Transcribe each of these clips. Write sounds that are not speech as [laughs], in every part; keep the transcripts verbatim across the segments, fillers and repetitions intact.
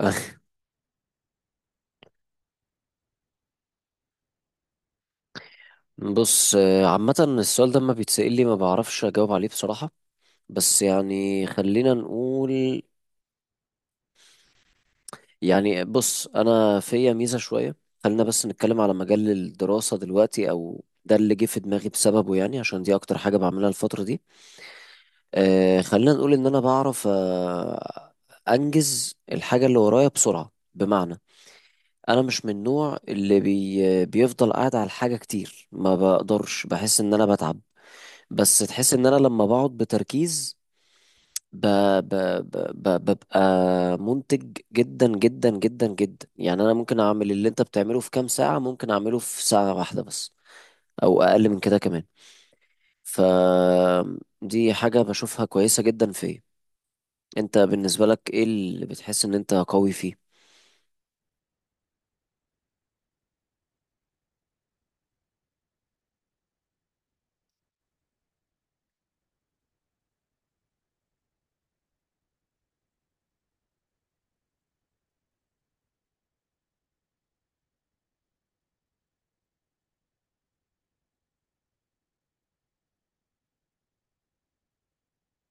أخ، بص آه، عامة السؤال ده ما بيتسأل لي، ما بعرفش أجاوب عليه بصراحة. بس يعني خلينا نقول، يعني بص انا فيا ميزه شويه. خلينا بس نتكلم على مجال الدراسه دلوقتي، او ده اللي جه في دماغي بسببه يعني، عشان دي اكتر حاجه بعملها الفتره دي. آه خلينا نقول ان انا بعرف آه انجز الحاجه اللي ورايا بسرعه، بمعنى انا مش من النوع اللي بي بيفضل قاعد على الحاجه كتير، ما بقدرش، بحس ان انا بتعب. بس تحس ان انا لما بقعد بتركيز ب... ب... ب... ب... ببقى منتج جدا جدا جدا جدا. يعني انا ممكن اعمل اللي انت بتعمله في كام ساعة، ممكن اعمله في ساعة واحدة بس، او اقل من كده كمان. ف دي حاجة بشوفها كويسة جدا فيا. انت بالنسبة لك ايه اللي بتحس ان انت قوي فيه؟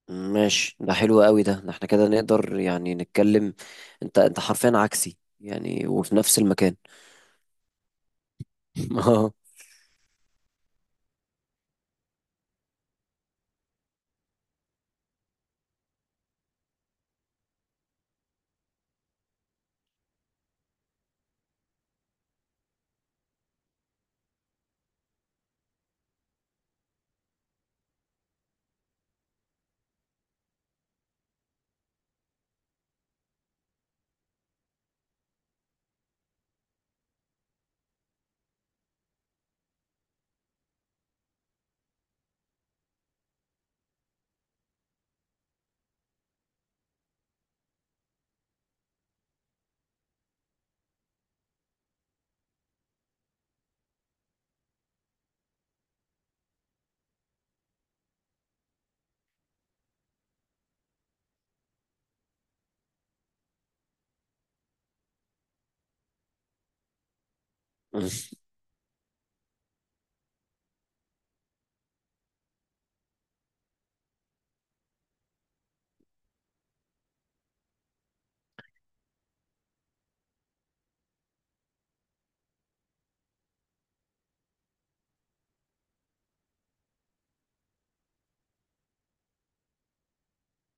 ماشي، ده حلو قوي. ده ده احنا كده نقدر يعني نتكلم، انت انت حرفيا عكسي يعني وفي نفس المكان. [laughs] اه،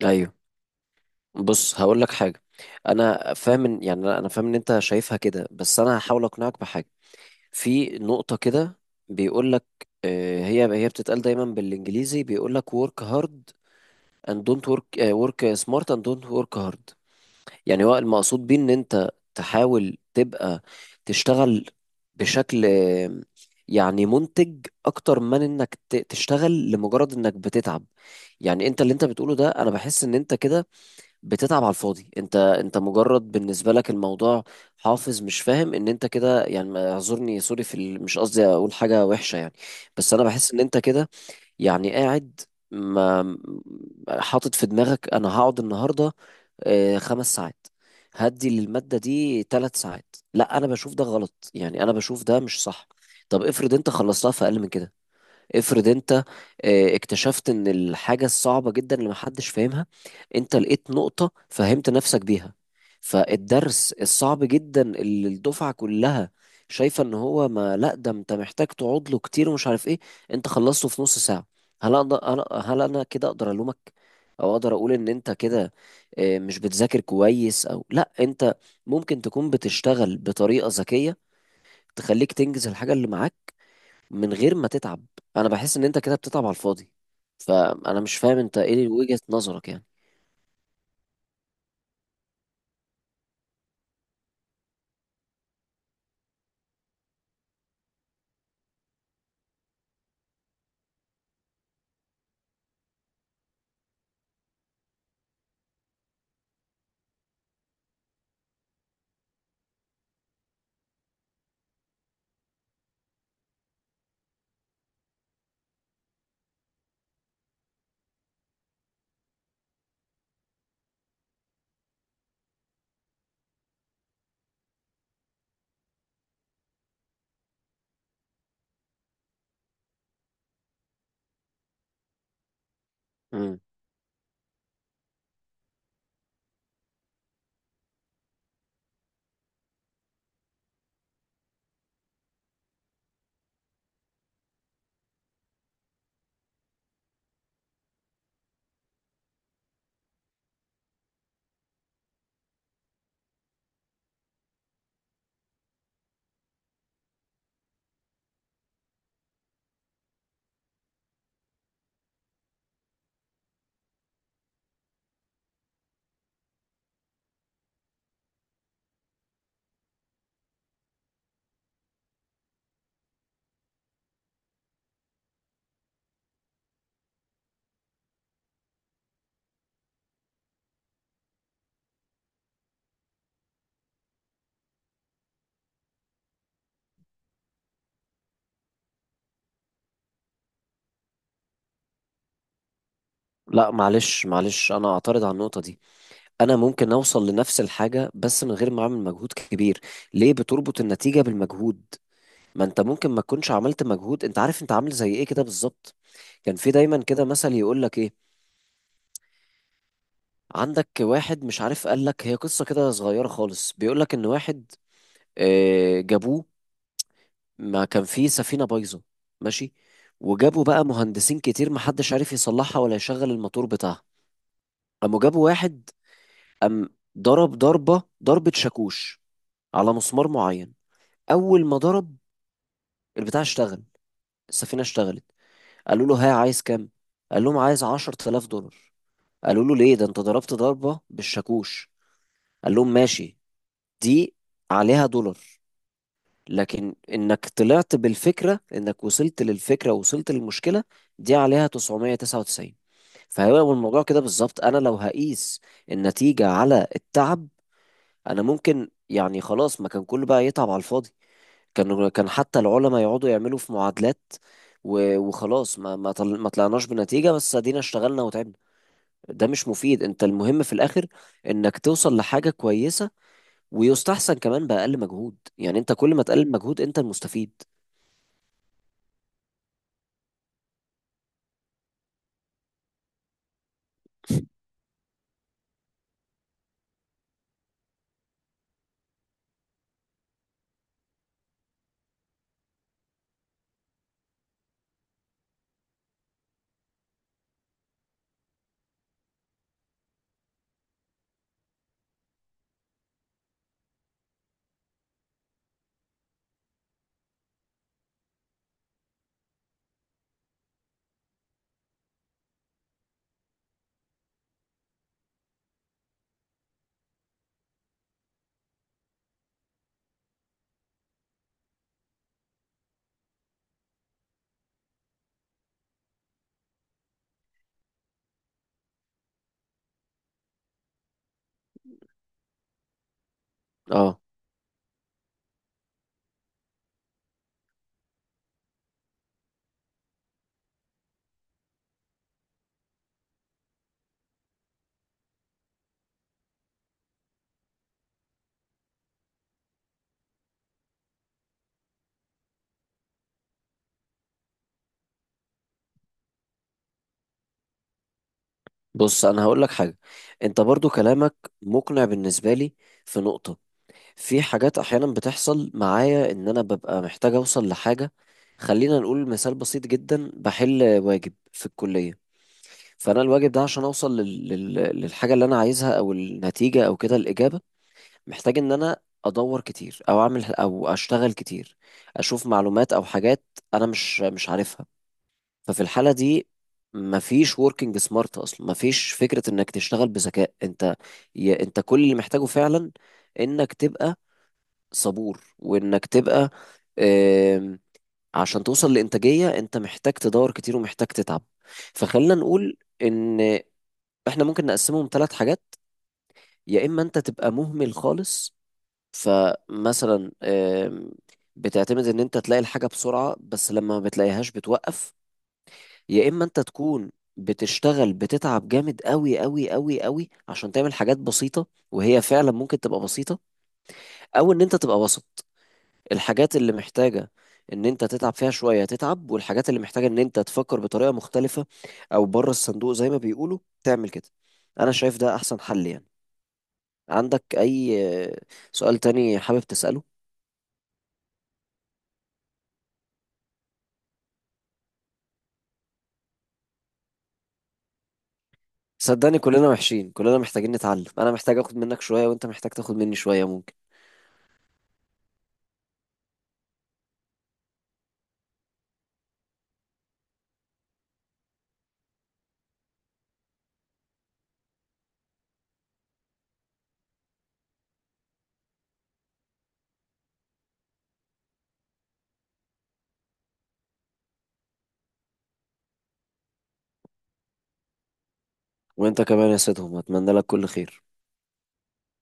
ايوه. بص هقول لك حاجه. انا فاهم إن- يعني انا فاهم ان انت شايفها كده، بس انا هحاول اقنعك بحاجه. في نقطه كده بيقول لك، آه، هي هي بتتقال دايما بالانجليزي، بيقول لك work hard and don't work آه، work smart and don't work hard. يعني هو المقصود بيه ان انت تحاول تبقى تشتغل بشكل آه، يعني منتج، اكتر من انك ت- تشتغل لمجرد انك بتتعب. يعني انت اللي انت بتقوله ده، انا بحس ان انت كده بتتعب على الفاضي. انت انت مجرد، بالنسبه لك الموضوع حافظ، مش فاهم ان انت كده يعني ما- اعذرني، سوري، في ال... مش قصدي اقول حاجه وحشه يعني. بس انا بحس ان انت كده يعني قاعد ما حاطط في دماغك انا هقعد النهارده آه، خمس ساعات، هدي للماده دي ثلاث ساعات. لا، انا بشوف ده غلط، يعني انا بشوف ده مش صح. طب افرض انت خلصتها في اقل من كده، افرض انت آه، اكتشفت ان الحاجة الصعبة جدا اللي محدش فاهمها، انت لقيت نقطة فهمت نفسك بيها، فالدرس الصعب جدا اللي الدفعة كلها شايفة ان هو ما لا ده انت محتاج تقعد له كتير ومش عارف ايه، انت خلصته في نص ساعة. هل اقدر انا هل انا كده اقدر الومك؟ او اقدر اقول ان انت كده آه، مش بتذاكر كويس؟ او لا، انت ممكن تكون بتشتغل بطريقة ذكية تخليك تنجز الحاجة اللي معاك من غير ما تتعب. انا بحس ان انت كده بتتعب على الفاضي، فانا مش فاهم انت ايه وجهة نظرك يعني. مم. لا، معلش معلش، انا اعترض على النقطة دي. انا ممكن اوصل لنفس الحاجة بس من غير ما اعمل مجهود كبير. ليه بتربط النتيجة بالمجهود؟ ما انت ممكن ما تكونش عملت مجهود، انت عارف انت عامل زي ايه كده بالظبط. كان في دايما كده مثل يقول لك ايه، عندك واحد مش عارف، قال لك هي قصة كده صغيرة خالص، بيقول لك ان واحد آه، جابوه، ما كان في سفينة بايظة. ماشي. وجابوا بقى مهندسين كتير، محدش عارف يصلحها ولا يشغل الموتور بتاعها. قاموا جابوا واحد، قام ضرب ضربة ضربة شاكوش على مسمار معين. أول ما ضرب، البتاع اشتغل، السفينة اشتغلت. قالوا له: ها، عايز كام؟ قال لهم: عايز عشرة آلاف دولار. قالوا له: ليه؟ ده انت ضربت ضربة بالشاكوش. قال لهم: ماشي، دي عليها دولار، لكن انك طلعت بالفكرة، انك وصلت للفكرة ووصلت للمشكلة، دي عليها تسعمية وتسعة وتسعين. فهو الموضوع كده بالظبط، انا لو هقيس النتيجة على التعب، انا ممكن يعني خلاص ما كان كله بقى يتعب على الفاضي، كان كان حتى العلماء يقعدوا يعملوا في معادلات و- وخلاص ما ما طل- ما طلعناش بنتيجة، بس ادينا اشتغلنا وتعبنا، ده مش مفيد. انت المهم في الاخر انك توصل لحاجة كويسة، ويستحسن كمان بأقل مجهود، يعني انت كل ما تقلل مجهود انت المستفيد. اه، بص انا هقول لك حاجه. انت برضو كلامك مقنع بالنسبه لي في نقطه. في حاجات احيانا بتحصل معايا ان انا ببقى محتاج اوصل لحاجه. خلينا نقول مثال بسيط جدا، بحل واجب في الكليه، فانا الواجب ده عشان اوصل لل... لل... للحاجه اللي انا عايزها او النتيجه او كده الاجابه، محتاج ان انا ادور كتير او اعمل او اشتغل كتير، اشوف معلومات او حاجات انا مش مش عارفها. ففي الحالة دي مفيش وركينج سمارت اصلا، مفيش فكرة انك تشتغل بذكاء. انت ي... انت كل اللي محتاجه فعلا انك تبقى صبور، وانك تبقى آم، عشان توصل لإنتاجية، انت محتاج تدور كتير ومحتاج تتعب. فخلينا نقول ان احنا ممكن نقسمهم ثلاث حاجات. يا اما انت تبقى مهمل خالص، فمثلا آم، بتعتمد ان انت تلاقي الحاجة بسرعة، بس لما ما بتلاقيهاش بتوقف. يا اما انت تكون بتشتغل بتتعب جامد قوي قوي قوي قوي عشان تعمل حاجات بسيطة وهي فعلا ممكن تبقى بسيطة. او ان انت تبقى وسط، الحاجات اللي محتاجة ان انت تتعب فيها شوية تتعب، والحاجات اللي محتاجة ان انت تفكر بطريقة مختلفة او بره الصندوق زي ما بيقولوا تعمل كده. انا شايف ده احسن حل يعني. عندك اي آه، سؤال تاني حابب تسأله؟ صدقني كلنا وحشين، كلنا محتاجين نتعلم، انا محتاج اخد منك شوية وانت محتاج تاخد مني شوية ممكن. وانت كمان يا سيدهم، اتمنى لك كل خير.